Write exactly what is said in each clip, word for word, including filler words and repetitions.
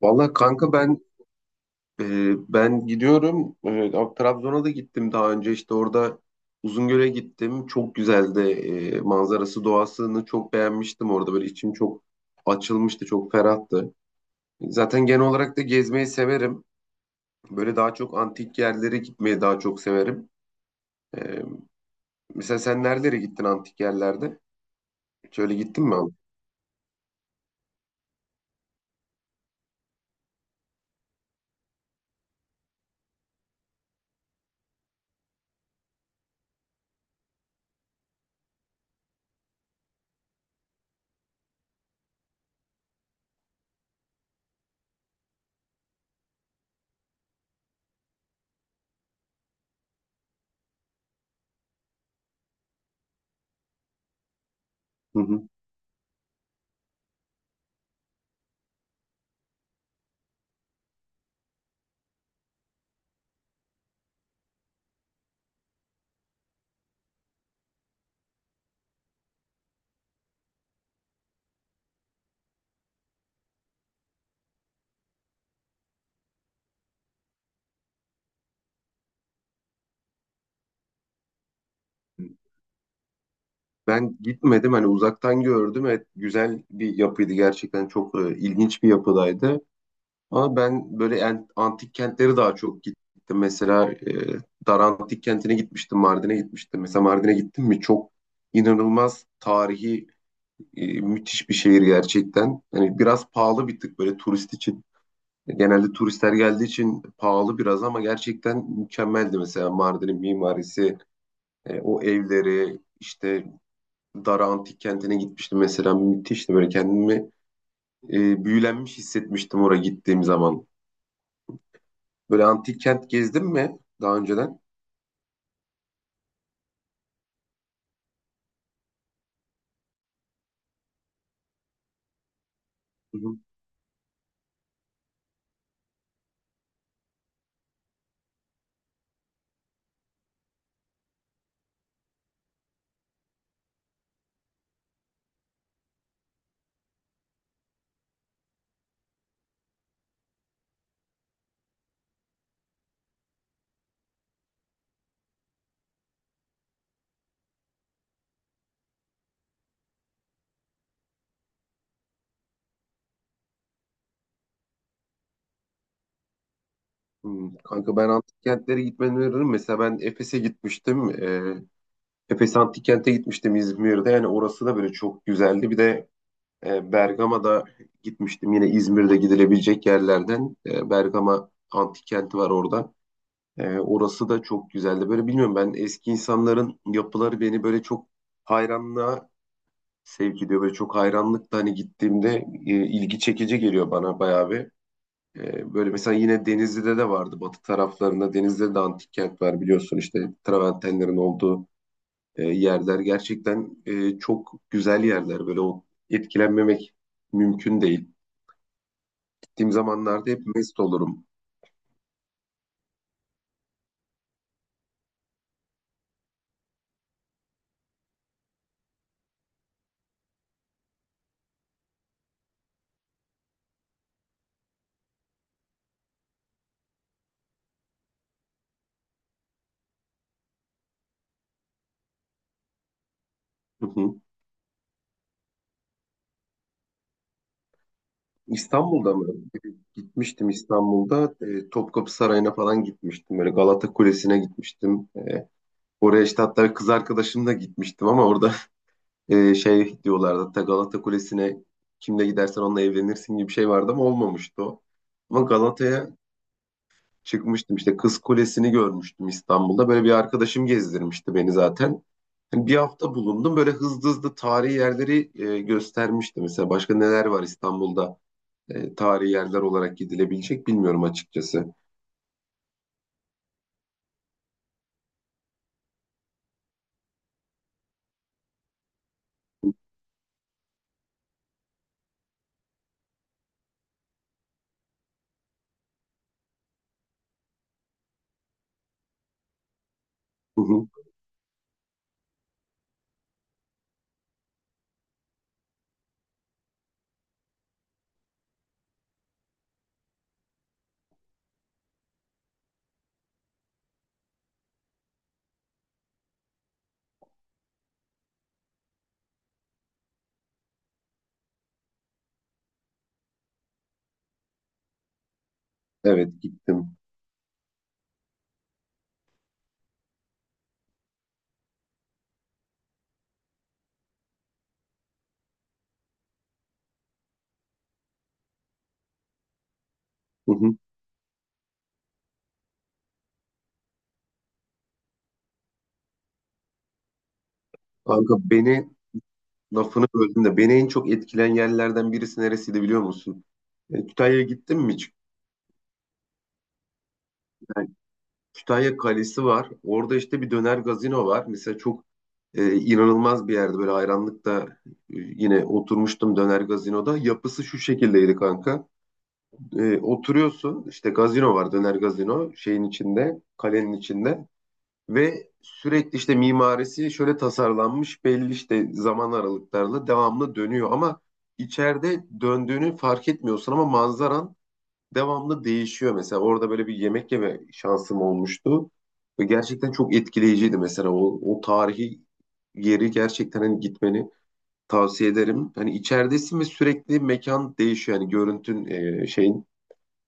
Vallahi kanka ben e, ben gidiyorum. E, Trabzon'a da gittim daha önce işte orada Uzungöl'e gittim. Çok güzeldi. E, manzarası, doğasını çok beğenmiştim orada. Böyle içim çok açılmıştı, çok ferahtı. Zaten genel olarak da gezmeyi severim. Böyle daha çok antik yerlere gitmeyi daha çok severim. E, mesela sen nerelere gittin antik yerlerde? Şöyle gittin mi abi? Hı hı. Ben gitmedim, hani uzaktan gördüm. Evet, güzel bir yapıydı gerçekten, çok e, ilginç bir yapıdaydı. Ama ben böyle en- antik kentlere daha çok gittim. Mesela e, Dar Antik Kenti'ne gitmiştim, Mardin'e gitmiştim. Mesela Mardin'e gittim mi çok inanılmaz tarihi e, müthiş bir şehir gerçekten. Hani biraz pahalı bir tık böyle turist için. Genelde turistler geldiği için pahalı biraz ama gerçekten mükemmeldi mesela Mardin'in mimarisi, e, o evleri, işte Dar Antik Kenti'ne gitmiştim mesela müthişti böyle kendimi e, büyülenmiş hissetmiştim oraya gittiğim zaman. Böyle antik kent gezdin mi daha önceden? Hı hı. Hmm, kanka ben antik kentlere gitmeni öneririm. Mesela ben Efes'e gitmiştim. Ee, Efes Antik Kent'e gitmiştim İzmir'de. Yani orası da böyle çok güzeldi. Bir de e, Bergama'da gitmiştim. Yine İzmir'de gidilebilecek yerlerden. e, Bergama Antik Kenti var orada. E, orası da çok güzeldi. Böyle bilmiyorum, ben eski insanların yapıları beni böyle çok hayranlığa sevk ediyor. Böyle çok hayranlıkla hani gittiğimde e, ilgi çekici geliyor bana bayağı bir. Ee, Böyle mesela yine Denizli'de de vardı batı taraflarında. Denizli'de de antik kent var biliyorsun, işte travertenlerin olduğu e, yerler. Gerçekten e, çok güzel yerler. Böyle o etkilenmemek mümkün değil. Gittiğim zamanlarda hep mest olurum. Hı hı. İstanbul'da mı? Gitmiştim İstanbul'da. E, Topkapı Sarayı'na falan gitmiştim. Böyle Galata Kulesi'ne gitmiştim. E, Oraya işte hatta kız arkadaşımla gitmiştim ama orada e, şey diyorlardı. Hatta Galata Kulesi'ne kimle gidersen onunla evlenirsin gibi bir şey vardı ama olmamıştı o. Ama Galata'ya çıkmıştım, işte Kız Kulesi'ni görmüştüm İstanbul'da. Böyle bir arkadaşım gezdirmişti beni zaten. Hani bir hafta bulundum, böyle hızlı hızlı tarihi yerleri e, göstermişti. Mesela başka neler var İstanbul'da e, tarihi yerler olarak gidilebilecek, bilmiyorum açıkçası. Hı hı. Evet, gittim. Hı hı. Kanka, beni lafını böldüm de beni en çok etkilen yerlerden birisi neresiydi biliyor musun? E, Kütahya'ya gittim mi hiç? Yani Kütahya Kalesi var. Orada işte bir döner gazino var. Mesela çok e, inanılmaz bir yerde böyle hayranlıkta e, yine oturmuştum döner gazinoda. Yapısı şu şekildeydi kanka. E, oturuyorsun işte gazino var, döner gazino şeyin içinde, kalenin içinde. Ve sürekli işte mimarisi şöyle tasarlanmış, belli işte zaman aralıklarla devamlı dönüyor ama içeride döndüğünü fark etmiyorsun ama manzaran devamlı değişiyor. Mesela orada böyle bir yemek yeme şansım olmuştu ve gerçekten çok etkileyiciydi, mesela o, o tarihi yeri gerçekten hani gitmeni tavsiye ederim. Hani içeridesin ve sürekli mekan değişiyor, yani görüntün e, şeyin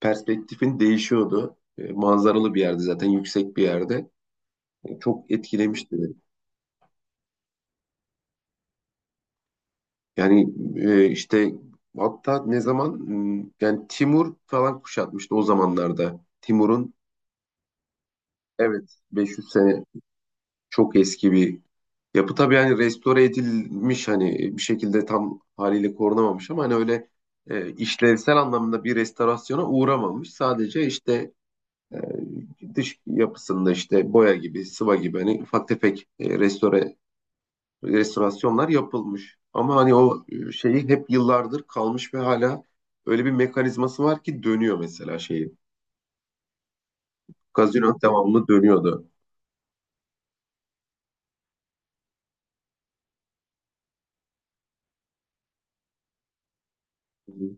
perspektifin değişiyordu. E, manzaralı bir yerde zaten, yüksek bir yerde. E, çok etkilemişti beni. Yani e, işte hatta ne zaman hmm, yani Timur falan kuşatmıştı o zamanlarda. Timur'un, evet, beş yüz sene çok eski bir yapı tabii, yani restore edilmiş, hani bir şekilde tam haliyle korunamamış ama hani öyle e, işlevsel anlamda bir restorasyona uğramamış. Sadece işte e, dış yapısında işte boya gibi, sıva gibi hani ufak tefek e, restore restorasyonlar yapılmış. Ama hani o e, şeyi hep yıllardır kalmış ve hala öyle bir mekanizması var ki dönüyor mesela şeyi. Kazino devamlı dönüyordu. Hı,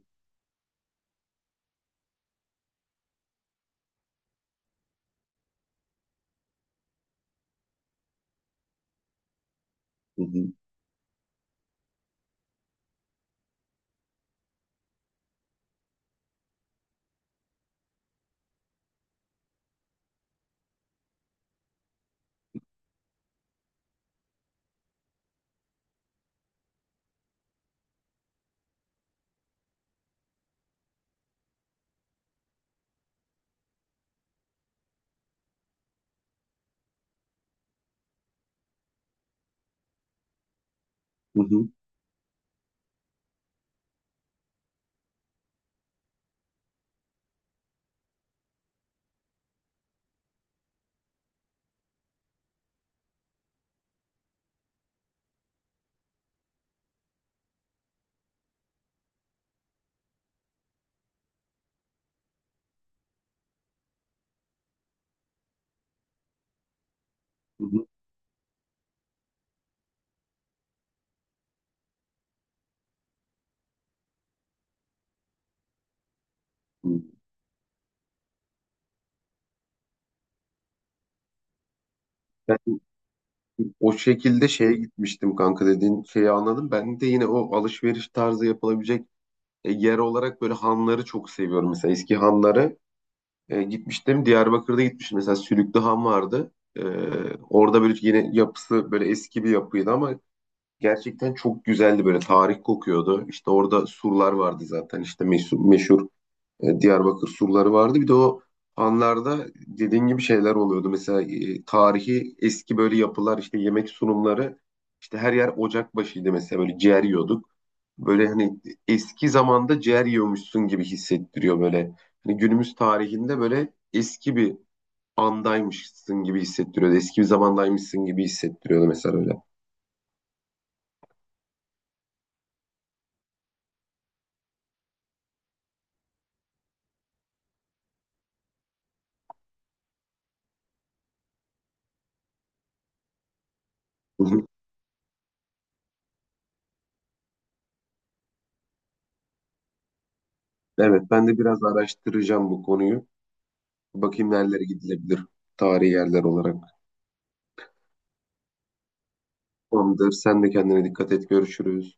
hı hı, hı hı, hı hı. Ben o şekilde şeye gitmiştim kanka, dediğin şeyi anladım. Ben de yine o alışveriş tarzı yapılabilecek e, yer olarak böyle hanları çok seviyorum. Mesela eski hanları e, gitmiştim. Diyarbakır'da gitmiştim. Mesela Sülüklü Han vardı. E, orada böyle yine yapısı böyle eski bir yapıydı ama gerçekten çok güzeldi, böyle tarih kokuyordu. İşte orada surlar vardı zaten, işte meşhur, meşhur e, Diyarbakır surları vardı. Bir de o anlarda dediğin gibi şeyler oluyordu. Mesela e, tarihi eski böyle yapılar, işte yemek sunumları, işte her yer ocak başıydı mesela, böyle ciğer yiyorduk. Böyle hani eski zamanda ciğer yiyormuşsun gibi hissettiriyor böyle. Hani günümüz tarihinde böyle eski bir andaymışsın gibi hissettiriyordu. Eski bir zamandaymışsın gibi hissettiriyordu mesela öyle. Hı hı. Evet, ben de biraz araştıracağım bu konuyu. Bakayım nerelere gidilebilir tarihi yerler olarak. Tamamdır. Sen de kendine dikkat et. Görüşürüz.